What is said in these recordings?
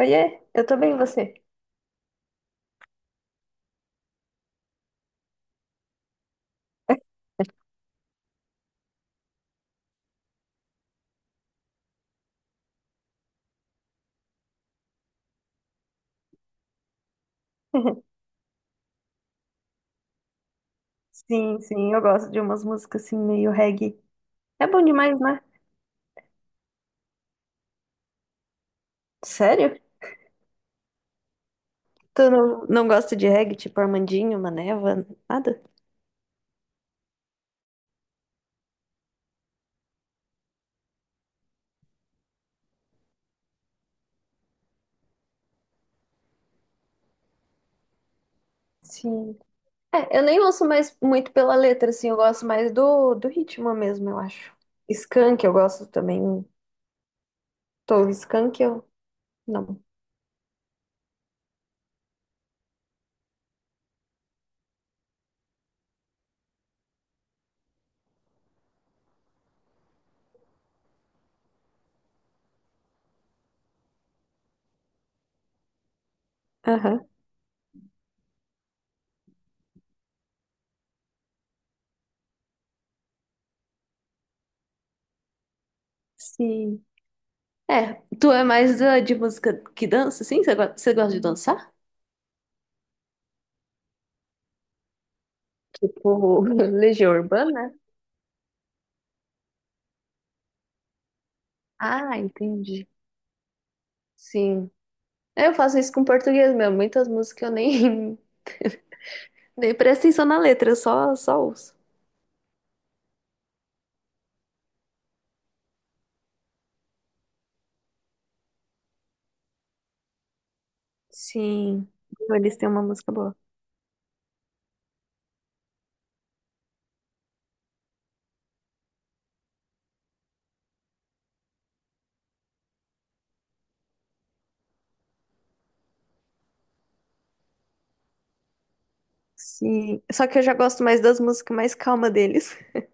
Oiê, eu tô bem, e você? Sim, eu gosto de umas músicas assim, meio reggae. É bom demais, né? Sério? Tu não gosta de reggae, tipo Armandinho, Maneva, nada? Sim. É, eu nem ouço mais muito pela letra, assim, eu gosto mais do ritmo mesmo, eu acho. Skank eu gosto também. Tô, Skank eu... Não. Aham, sim. É, tu é mais de música que dança, sim? Você você gosta de dançar? Tipo, Legião Urbana? Ah, entendi. Sim. É, eu faço isso com português mesmo. Muitas músicas eu nem, nem presto atenção na letra, eu só ouço. Sim, eles têm uma música boa. Sim, só que eu já gosto mais das músicas mais calmas deles.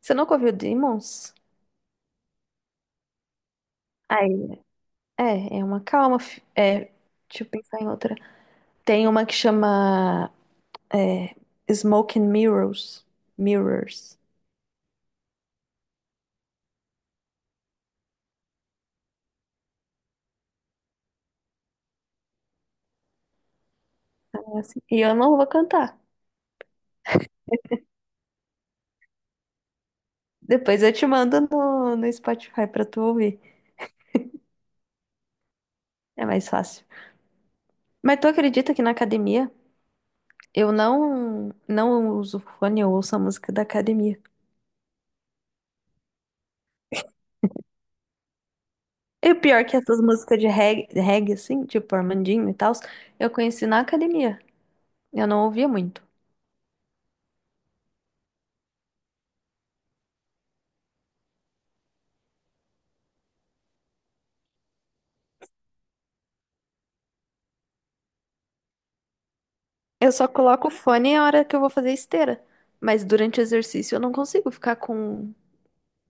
Você nunca ouviu Demons? Ai, é uma calma. É, deixa eu pensar em outra. Tem uma que chama é, Smoke and Mirrors. Mirrors. É assim. E eu não vou cantar. Depois eu te mando no Spotify pra tu ouvir. É mais fácil. Mas tu acredita que na academia eu não uso fone, eu ouço a música da academia. E o pior é que essas músicas de reggae assim, tipo Armandinho e tal, eu conheci na academia. Eu não ouvia muito. Eu só coloco o fone na hora que eu vou fazer esteira. Mas durante o exercício eu não consigo ficar com,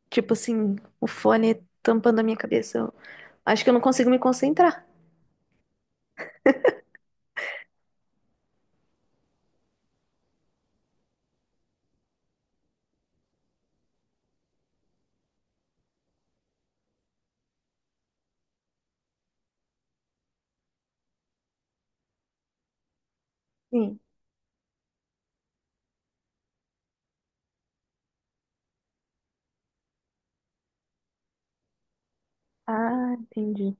tipo assim, o fone tampando a minha cabeça. Eu acho que eu não consigo me concentrar. Sim. Ah, entendi.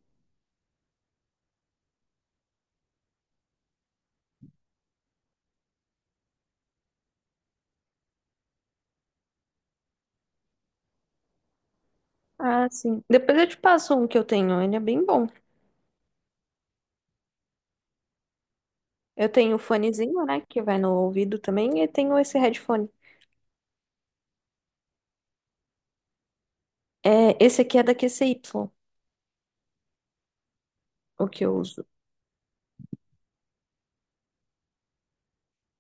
Ah, sim. Depois eu te passo um que eu tenho, ele é bem bom. Eu tenho o fonezinho, né, que vai no ouvido também, e tenho esse headphone. É, esse aqui é da QCY, o que eu uso.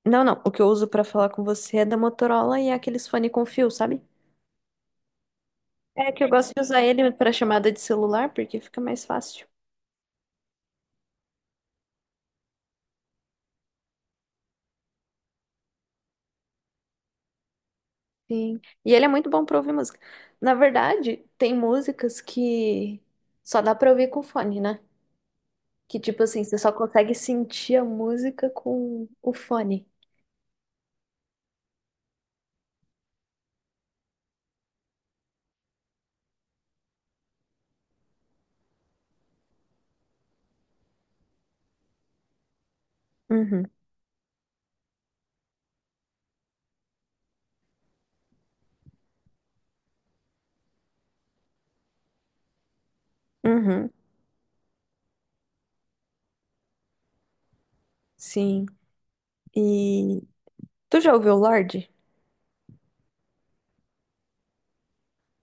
Não, o que eu uso pra falar com você é da Motorola e é aqueles fone com fio, sabe? É que eu gosto de usar ele pra chamada de celular, porque fica mais fácil. Sim. E ele é muito bom pra ouvir música. Na verdade, tem músicas que só dá pra ouvir com fone, né? Que tipo assim, você só consegue sentir a música com o fone. Uhum, uhum, sim. E tu já ouviu o Lorde?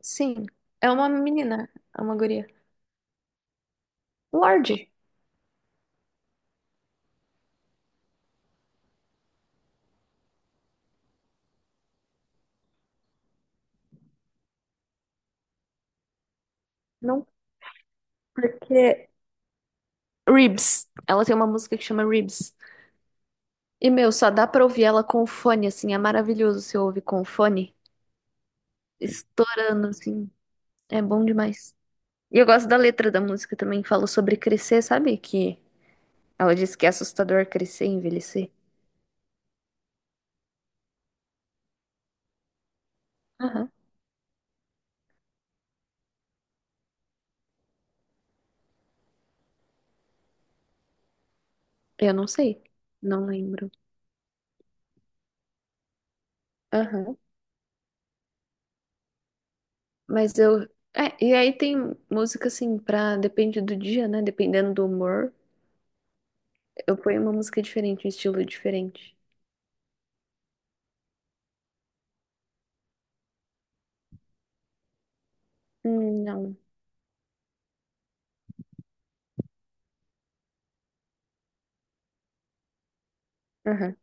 Sim, é uma menina, é uma guria. Lorde, não, porque Ribs, ela tem uma música que chama Ribs. E meu, só dá pra ouvir ela com o fone, assim, é maravilhoso se ouvir com o fone, estourando, assim, é bom demais. E eu gosto da letra da música também, fala sobre crescer, sabe? Que ela diz que é assustador crescer e envelhecer. Aham, eu não sei, não lembro. Aham, mas eu. É, e aí tem música assim pra. Depende do dia, né? Dependendo do humor. Eu ponho uma música diferente, um estilo diferente. Não. Aham,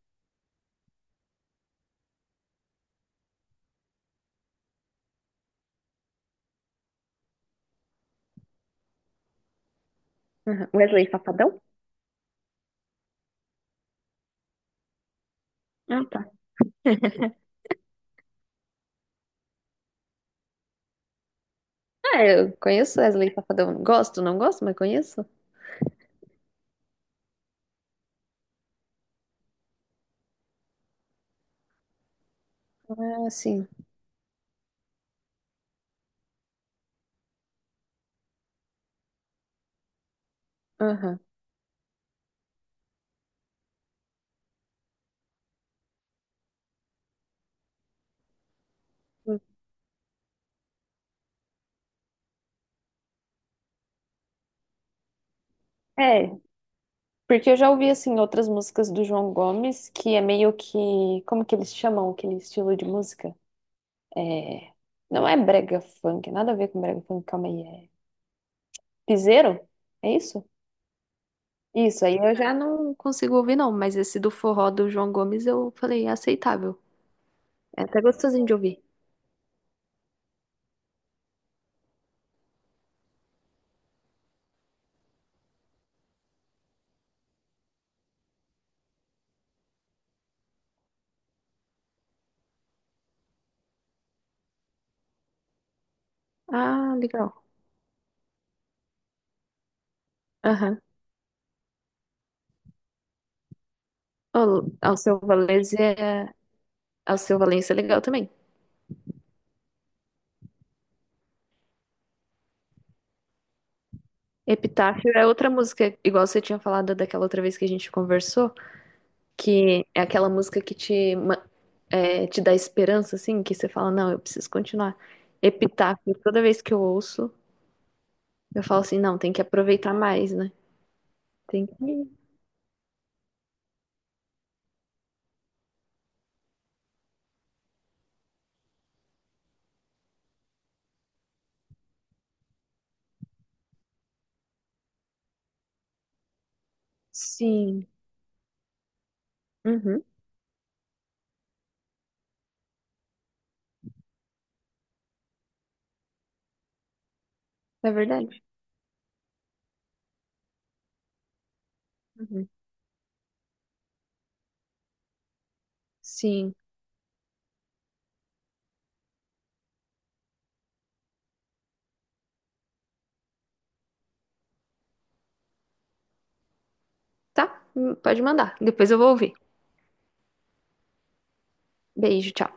aham. Wesley Safadão? Ah, tá. Ah, eu conheço Wesley Safadão. Gosto, não gosto, mas conheço. Ah, sim. Aham. Hum. É, porque eu já ouvi, assim, outras músicas do João Gomes, que é meio que... Como que eles chamam aquele estilo de música? É... Não é brega funk, nada a ver com brega funk, calma aí. É piseiro? É isso? Isso, aí eu já não consigo ouvir, não, mas esse do forró do João Gomes eu falei é aceitável. É até gostosinho de ouvir. Ah, legal. Aham. Al- Alceu Valença é... Alceu Valença é legal também. Epitáfio é outra música, igual você tinha falado daquela outra vez que a gente conversou, que é aquela música que é, te dá esperança, assim, que você fala, não, eu preciso continuar. Epitáfio, toda vez que eu ouço, eu falo assim, não, tem que aproveitar mais, né? Tem que... Sim. Uhum. É verdade. Uhum. Sim. Tá? Pode mandar. Depois eu vou ouvir. Beijo, tchau.